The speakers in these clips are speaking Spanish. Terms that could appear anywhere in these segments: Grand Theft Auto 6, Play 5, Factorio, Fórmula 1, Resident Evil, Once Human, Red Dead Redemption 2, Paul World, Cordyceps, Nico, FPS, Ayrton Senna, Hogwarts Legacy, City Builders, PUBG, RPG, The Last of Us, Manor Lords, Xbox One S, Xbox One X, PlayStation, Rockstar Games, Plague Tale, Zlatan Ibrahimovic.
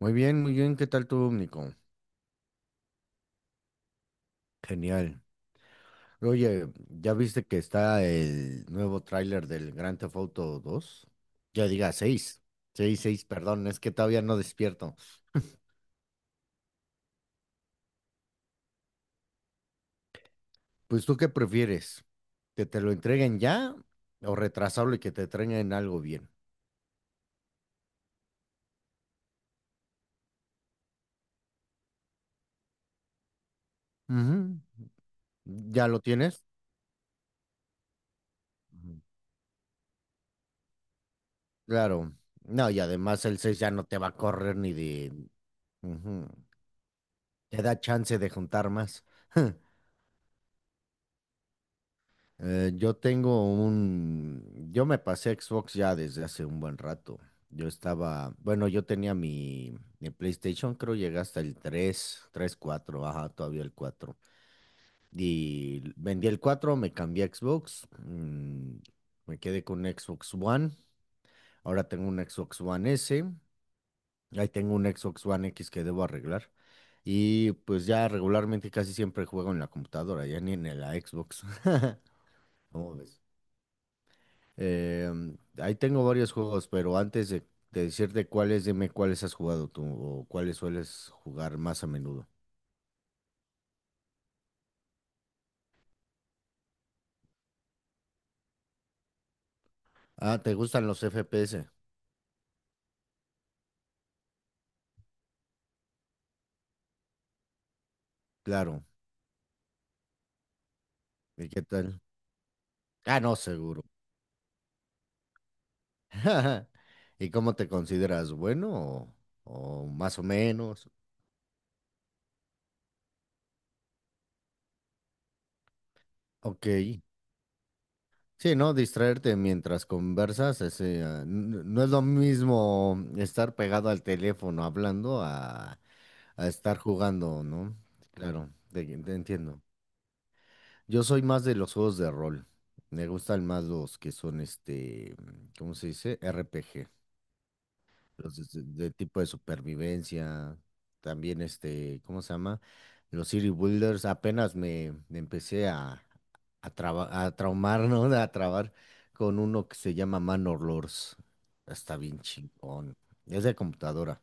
Muy bien, muy bien. ¿Qué tal tú, Nico? Genial. Oye, ¿ya viste que está el nuevo tráiler del Grand Theft Auto dos. Ya diga 6, 6, 6. Perdón, es que todavía no despierto. ¿Pues tú qué prefieres? ¿Que te lo entreguen ya o retrasarlo y que te entreguen algo bien? Ujú. ¿Ya lo tienes? Ujú. Claro. No, y además el 6 ya no te va a correr ni de... Ujú. Te da chance de juntar más. Yo tengo yo me pasé a Xbox ya desde hace un buen rato. Yo estaba, bueno, yo tenía mi PlayStation, creo llegué hasta el 3 3 cuatro, ajá, todavía el cuatro. Y vendí el cuatro, me cambié a Xbox, me quedé con Xbox One. Ahora tengo un Xbox One S, ahí tengo un Xbox One X que debo arreglar. Y pues ya regularmente casi siempre juego en la computadora, ya ni en la Xbox. ¿Cómo ves? Eh, ahí tengo varios juegos, pero antes de decirte cuáles, dime cuáles has jugado tú o cuáles sueles jugar más a menudo. Ah, ¿te gustan los FPS? Claro. ¿Y qué tal? Ah, no, seguro. ¿Y cómo te consideras? ¿Bueno o más o menos? Ok. Sí, ¿no? Distraerte mientras conversas, ese, ah, no es lo mismo estar pegado al teléfono hablando a estar jugando, ¿no? Claro, te entiendo. Yo soy más de los juegos de rol. Me gustan más los que son este, mm, ¿cómo se dice? RPG. Los de tipo de supervivencia. También este, ¿cómo se llama? Los City Builders. Apenas me empecé a, a traumar, ¿no? A trabar con uno que se llama Manor Lords. Está bien chingón. Es de computadora.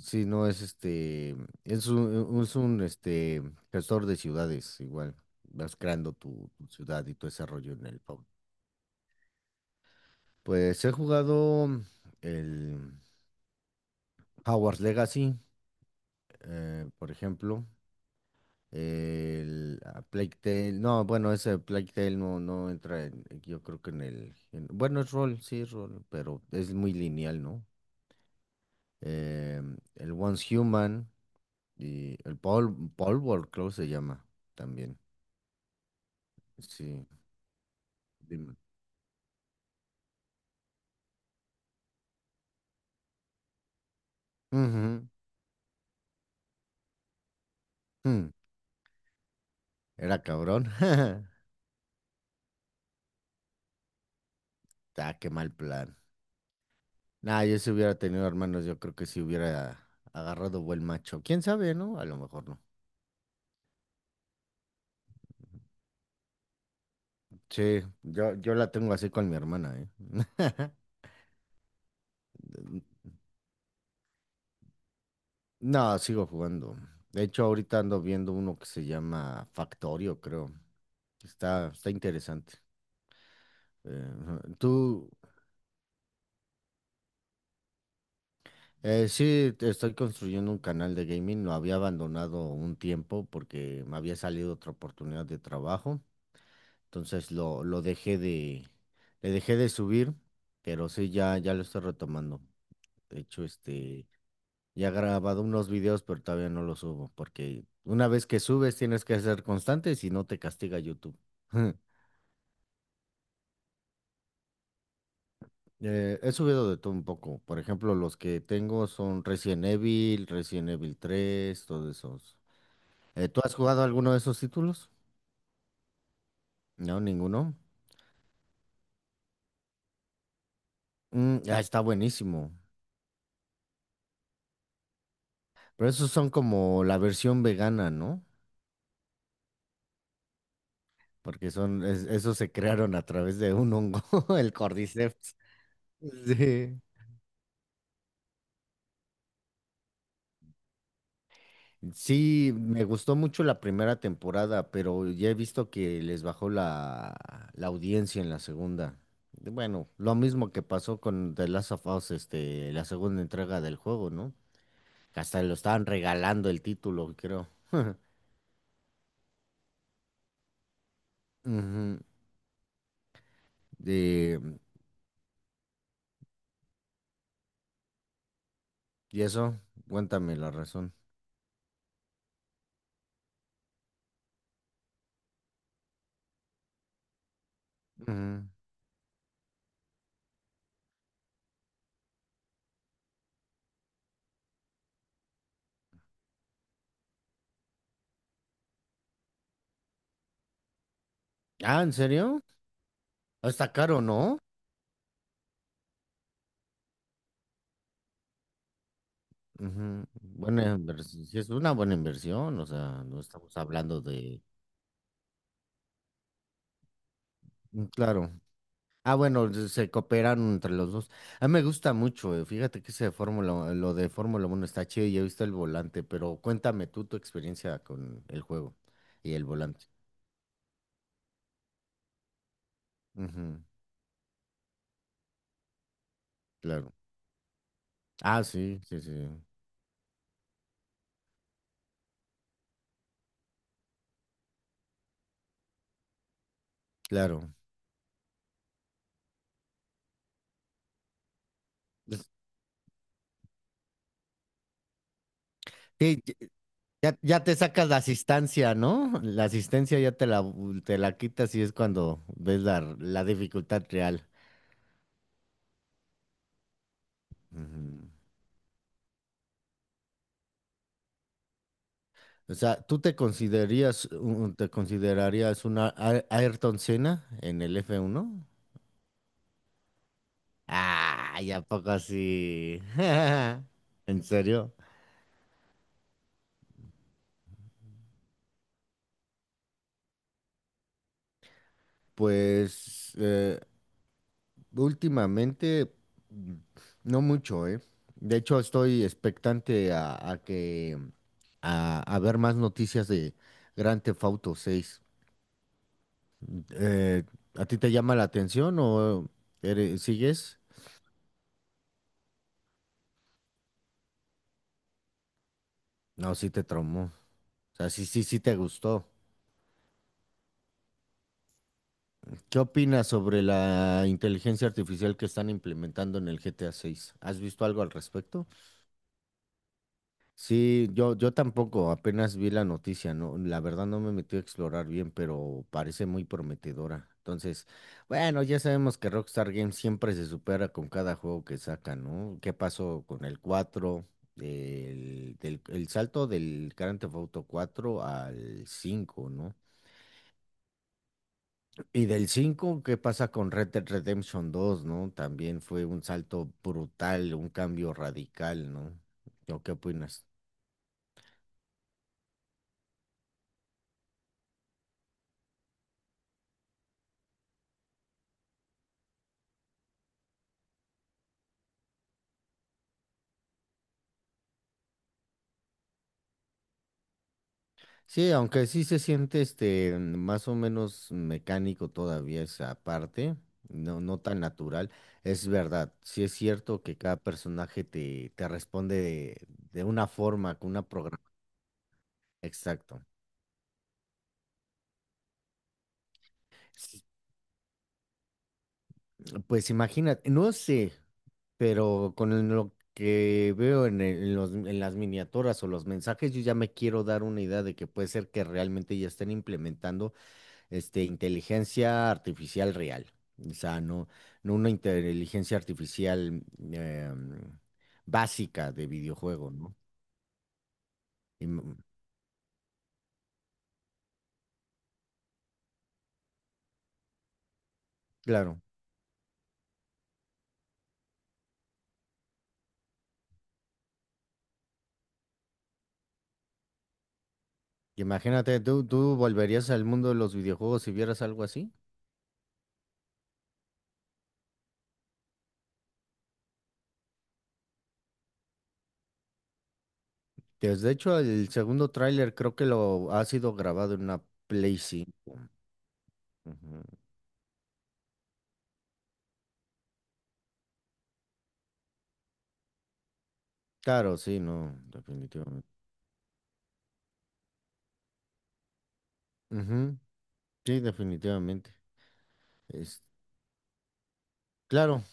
Sí, no, es este, es un este, gestor de ciudades, igual, vas creando tu ciudad y tu desarrollo en el PUBG. Pues he jugado el Hogwarts Legacy, por ejemplo, el Plague Tale, no, bueno, ese Plague Tale no, no entra, yo creo que en bueno, es rol, sí, es rol, pero es muy lineal, ¿no? El Once Human y el Paul, Paul World, creo que se llama también, sí. Dime. Ujú, mm, era cabrón. Ah, qué mal plan. Nah, yo si hubiera tenido hermanos, yo creo que si hubiera agarrado buen macho. ¿Quién sabe, no? A lo mejor no. Sí, yo la tengo así con mi hermana, ¿eh? No, sigo jugando. De hecho, ahorita ando viendo uno que se llama Factorio, creo. Está interesante. Eh, ajá. ¿tú, sí, estoy construyendo un canal de gaming. Lo había abandonado un tiempo porque me había salido otra oportunidad de trabajo. Entonces lo dejé le dejé de subir, pero sí, ya, ya lo estoy retomando. De hecho, este, ya he grabado unos videos, pero todavía no los subo porque una vez que subes tienes que ser constante, si no te castiga YouTube. He subido de todo un poco. Por ejemplo, los que tengo son Resident Evil, Resident Evil tres, todos esos. ¿Tú has jugado alguno de esos títulos? No, ninguno. Mm, ah, está buenísimo. Pero esos son como la versión vegana, ¿no? Porque son, esos se crearon a través de un hongo, el Cordyceps. Sí. Sí, me gustó mucho la primera temporada, pero ya he visto que les bajó la audiencia en la segunda. Bueno, lo mismo que pasó con The Last of Us, este, la segunda entrega del juego, ¿no? Que hasta lo estaban regalando el título, creo. Ujú. De... mm, ¿y eso? Cuéntame la razón. Ujú. Ah, ¿en serio? Ah, está caro, ¿no? Ujú. Buena inversión. Sí, es una buena inversión, o sea, no estamos hablando de... Mm, claro. Ah, bueno, se cooperan entre los dos. A mí me gusta mucho, fíjate que ese de Fórmula, lo de Fórmula 1 está chido y he visto el volante, pero cuéntame tú tu experiencia con el juego y el volante. Ujú, claro. Ah, sí, sí, sí. Claro. Sí, ya, ya te sacas la asistencia, ¿no? La asistencia ya te te la quitas y es cuando ves la dificultad real. Ujú. O sea, ¿tú te considerías, te considerarías una Ayrton Senna en el f uno? Ah, ya poco así. ¿En serio? Pues últimamente mm, no mucho, ¿eh? De hecho, estoy expectante a que a ver más noticias de Grand Theft Auto 6. Eh, ¿A ti te llama la atención o sigues? No, sí te traumó. O sea, sí, sí, sí te gustó. ¿Qué opinas sobre la inteligencia artificial que están implementando en el GTA 6? ¿Has visto algo al respecto? Sí, yo tampoco, apenas vi la noticia, no, la verdad no me metí a explorar bien, pero parece muy prometedora. Entonces, bueno, ya sabemos que Rockstar Games siempre se supera con cada juego que saca, ¿no? ¿Qué pasó con el 4, el, del, el salto del Grand Theft Auto cuatro al cinco, ¿no? Y del 5, ¿qué pasa con Red Dead Redemption dos, ¿no? También fue un salto brutal, un cambio radical, ¿no? ¿O qué opinas? Sí, aunque sí se siente este más o menos mecánico todavía esa parte, no, no tan natural. Es verdad, sí es cierto que cada personaje te responde de una forma, con una programación. Exacto. Sí, pues imagínate, no sé, pero con lo que veo en, en las miniaturas o los mensajes, yo ya me quiero dar una idea de que puede ser que realmente ya estén implementando. Este, inteligencia artificial real. O sea, no, no una inteligencia artificial em, básica de videojuego, ¿no? Im- claro. Imagínate, ¿tú volverías al mundo de los videojuegos si vieras algo así? Pues de hecho, el segundo tráiler creo que lo ha sido grabado en una Play 5. Ujú. Claro, sí, no, definitivamente. Ujú, sí, definitivamente. Es, claro,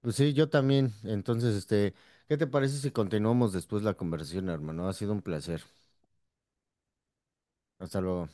pues sí, yo también. Entonces, este, ¿qué te parece si continuamos después la conversación, hermano? Ha sido un placer. Hasta luego.